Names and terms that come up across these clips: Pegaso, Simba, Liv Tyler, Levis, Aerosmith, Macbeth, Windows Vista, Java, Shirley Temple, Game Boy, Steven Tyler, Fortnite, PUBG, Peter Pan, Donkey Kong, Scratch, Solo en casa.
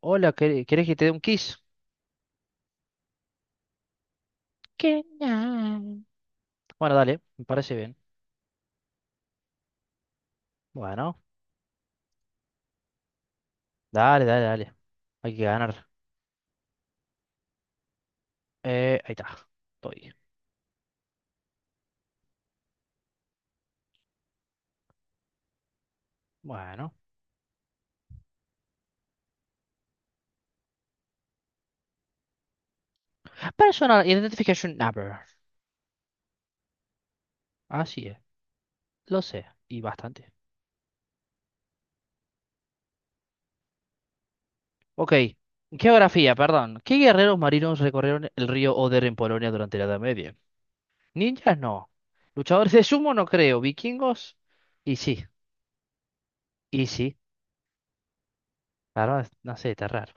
Hola, ¿querés que te dé un kiss? ¿Qué? Ah. Bueno, dale, me parece bien. Bueno, dale, dale, dale. Hay que ganar. Ahí está. Estoy. Bueno. Personal Identification Number. Así es. Lo sé. Y bastante. Ok. Geografía, perdón. ¿Qué guerreros marinos recorrieron el río Oder en Polonia durante la Edad Media? Ninjas no. Luchadores de sumo no creo. Vikingos. Y sí. Y sí. Claro, no sé, está raro.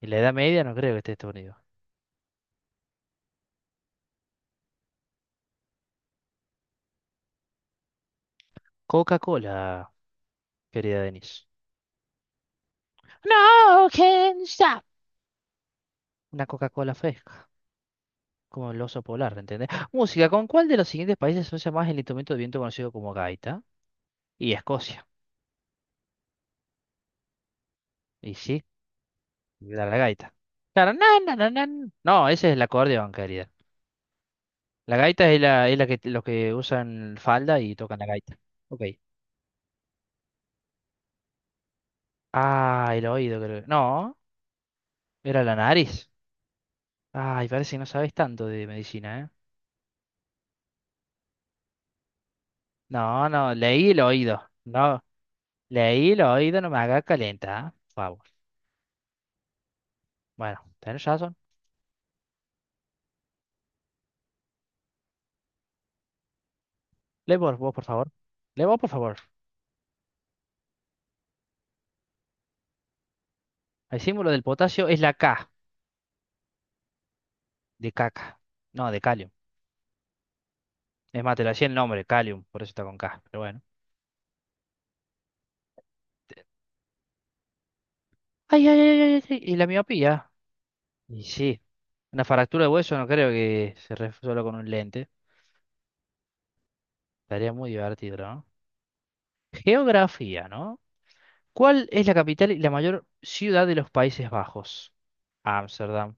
En la Edad Media no creo que esté Estados Unidos. Coca-Cola, querida Denise. No can stop. Una Coca-Cola fresca, como el oso polar, ¿entendés? Música, ¿con cuál de los siguientes países se usa más el instrumento de viento conocido como gaita? Y Escocia. Y sí, la gaita. Claro, na, na, na, na, na. No, ese es el acordeón, querida. La gaita es la que los que usan falda y tocan la gaita. Ok. Ah, el oído, creo. No, era la nariz. Ay, parece que no sabes tanto de medicina, ¿eh? No, no, leí el oído. No. Leí lo oído, no me haga calenta, por favor. Bueno, tenés razón. Lee vos, por favor. Lee vos, por favor. El símbolo del potasio es la K, de caca. No, de calio. Es más, te lo hacía el nombre, calium, por eso está con K, pero bueno. Ay, ay, ay, ay, ay, ay, y la miopía. Y sí, una fractura de hueso no creo que se resuelva con un lente. Estaría muy divertido, ¿no? Geografía, ¿no? ¿Cuál es la capital y la mayor ciudad de los Países Bajos? Ámsterdam.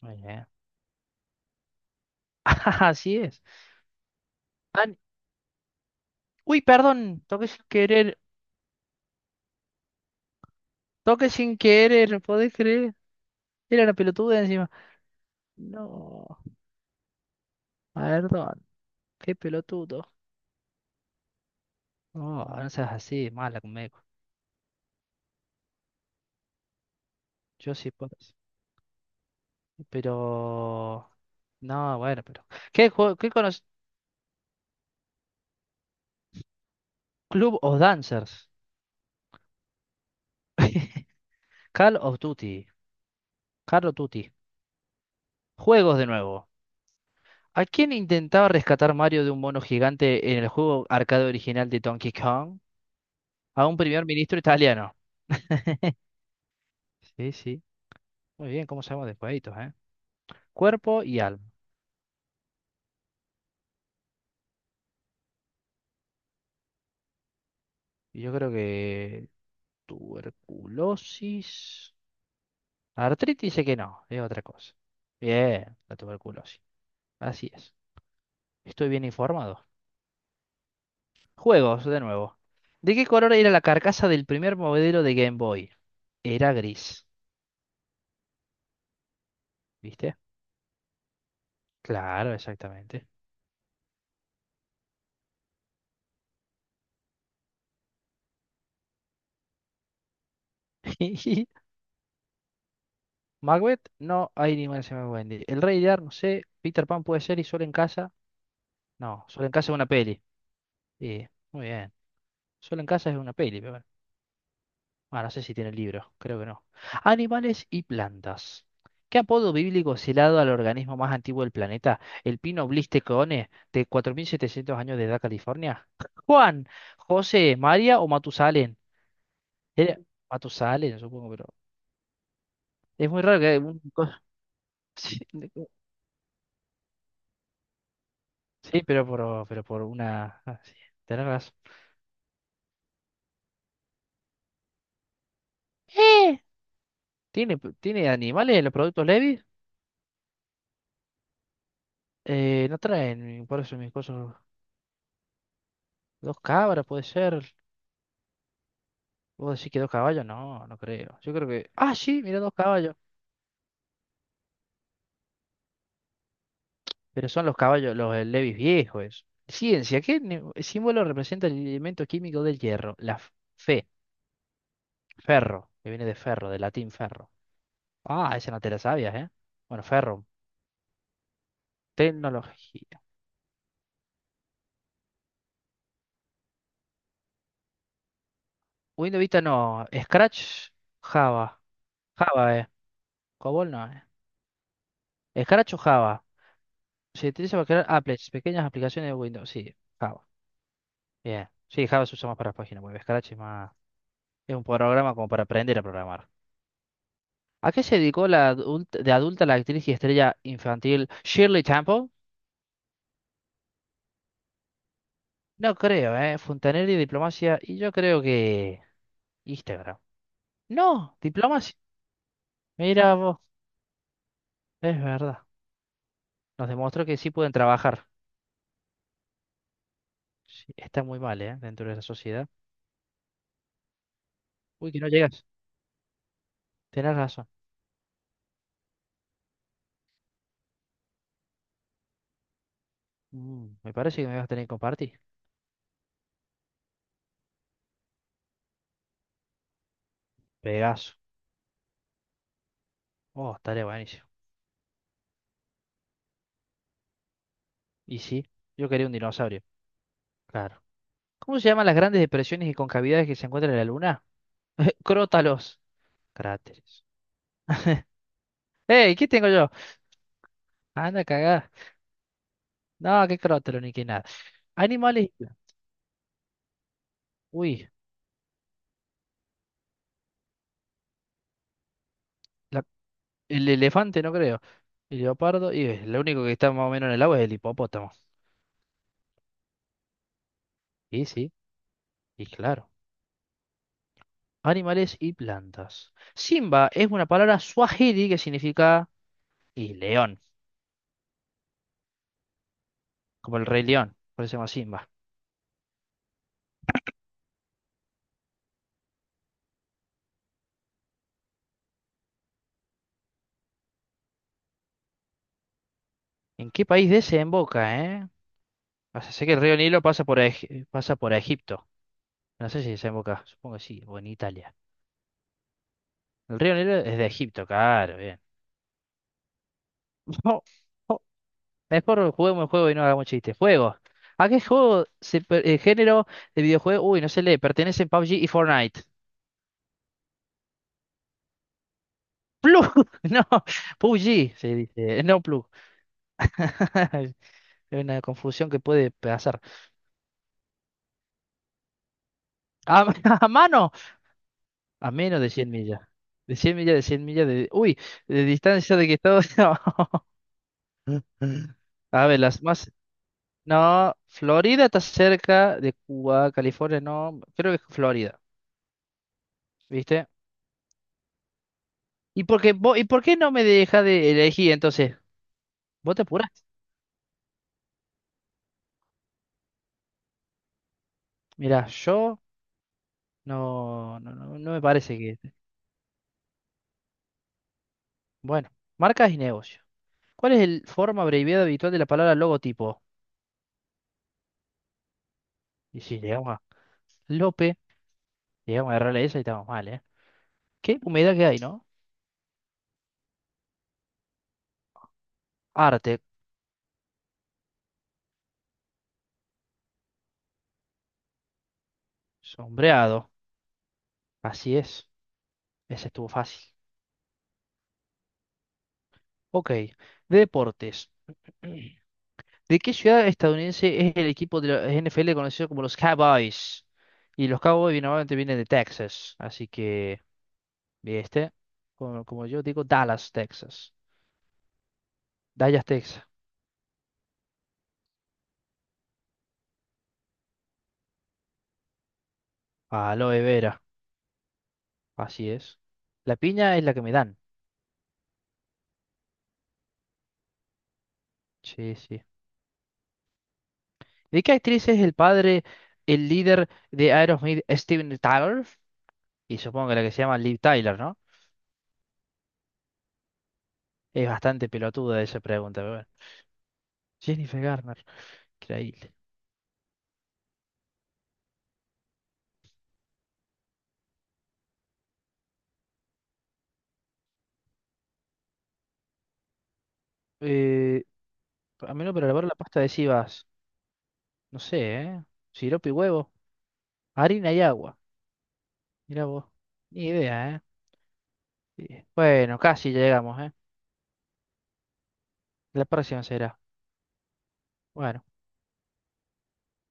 Muy bien. Así es. Ah, uy, perdón, toqué sin querer. Toqué sin querer, ¿no podés creer? Era una pelotuda encima. No, perdón, qué pelotudo. No, no seas así, mala conmigo. Yo sí puedo. Pero. No, bueno, pero. ¿Qué, qué conoces? Club of Dancers. Call of Duty. Call of Duty. Juegos de nuevo. ¿A quién intentaba rescatar Mario de un mono gigante en el juego arcade original de Donkey Kong? A un primer ministro italiano. Sí, sí. Muy bien, ¿cómo sabemos de jueguitos, eh? Cuerpo y alma. Y yo creo que tuberculosis. Artritis sé que no, es otra cosa. Bien, la tuberculosis. Así es. Estoy bien informado. Juegos, de nuevo. ¿De qué color era la carcasa del primer modelo de Game Boy? Era gris. ¿Viste? Claro, exactamente. Macbeth, no hay ninguna se me Wendy. El Rey Lear, no sé. Peter Pan puede ser y Solo en casa. No, Solo en casa es una peli. Sí, muy bien. Solo en casa es una peli, pero bueno. Ah, no sé si tiene libro, creo que no. Animales y plantas. ¿Qué apodo bíblico se le ha dado al organismo más antiguo del planeta? ¿El pino blistecone de 4.700 años de edad, California? Juan, José, María o Matusalén. Era Matusalén, supongo, pero es muy raro que un Sí, sí, pero por una... ah, sí, tenés razón. ¿Eh? ¿Tiene animales en los productos Levi? No traen, por eso mis cosas... Dos cabras, puede ser. ¿Vos decís que dos caballos? No, no creo. Yo creo que. Ah, sí, mira dos caballos. Pero son los caballos, los Levis viejos. Eso. Ciencia, ¿qué símbolo representa el elemento químico del hierro? La fe, ferro, que viene de ferro, de latín ferro. Ah, esa no te la sabías, ¿eh? Bueno, ferro, tecnología. Windows Vista no. Scratch, Java. Java, ¿eh? Cobol no, ¿eh? Scratch o Java. Se utiliza para crear applets, pequeñas aplicaciones de Windows. Sí, Java. Bien. Sí, Java se usa más para páginas web. Scratch es más. Es un programa como para aprender a programar. ¿A qué se dedicó la de adulta la actriz y estrella infantil Shirley Temple? No creo, ¿eh? Fontanelli, diplomacia, y yo creo que Instagram. No, diplomacia. Mira vos, es verdad. Nos demostró que sí pueden trabajar. Sí, está muy mal, ¿eh? Dentro de la sociedad. Uy, que no llegas. Tenés razón. Mm, me parece que me vas a tener que compartir. Pegaso. Oh, estaría buenísimo. Y sí, yo quería un dinosaurio. Claro. ¿Cómo se llaman las grandes depresiones y concavidades que se encuentran en la luna? Crótalos. Cráteres. ¡Ey! ¿Qué tengo yo? Anda, cagá. No, qué crótalo ni qué nada. Animales. Uy, la- el elefante no creo. El leopardo. Y lo único que está más o menos en el agua es el hipopótamo. Y sí, y claro. Animales y plantas. Simba es una palabra suajili que significa y león, como el rey león. Por eso se llama Simba. ¿En qué país desemboca, eh? O sea, sé que el río Nilo pasa por, pasa por Egipto. No sé si desemboca. Supongo que sí, o en Italia. El río Nilo es de Egipto, claro, bien. No, no. Mejor juguemos el juego y no hagamos chistes. Juego. ¿A qué juego género de videojuego? Uy, no se lee. Pertenecen PUBG y Fortnite. Plug. No, PUBG se dice. No plug. Es una confusión que puede pasar. A, a mano. A menos de 100 millas. De 100 millas, de 100 millas de... Uy, de distancia de que todo... A ver, las más no, Florida está cerca de Cuba, California no, creo que es Florida, ¿viste? ¿Y por qué, y por qué no me deja de elegir entonces? ¿Vos te apurás? Mirá, yo no, no, no, no me parece que... Bueno, marcas y negocios. ¿Cuál es el forma abreviada habitual de la palabra logotipo? Y si llegamos a Lope, llegamos a agarrarle esa y estamos mal, ¿eh? ¿Qué humedad que hay, no? Arte, sombreado, así es, ese estuvo fácil. Ok, deportes. ¿De qué ciudad estadounidense es el equipo de la NFL conocido como los Cowboys? Y los Cowboys normalmente vienen de Texas, así que, ¿viste? Como, como yo digo, Dallas, Texas. Dallas, Texas. Aloe vera, así es. La piña es la que me dan. Sí, sí. ¿De qué actriz es el padre, el líder de Aerosmith, Steven Tyler? Y supongo que la que se llama Liv Tyler, ¿no? Es bastante pelotuda esa pregunta, pero bueno. Jennifer Garner, increíble. Eh, a menos para lavar la pasta adhesiva. No sé, ¿eh? Sirope y huevo, harina y agua. Mira vos, ni idea, ¿eh? Sí. Bueno, casi llegamos, ¿eh? La próxima será. Bueno.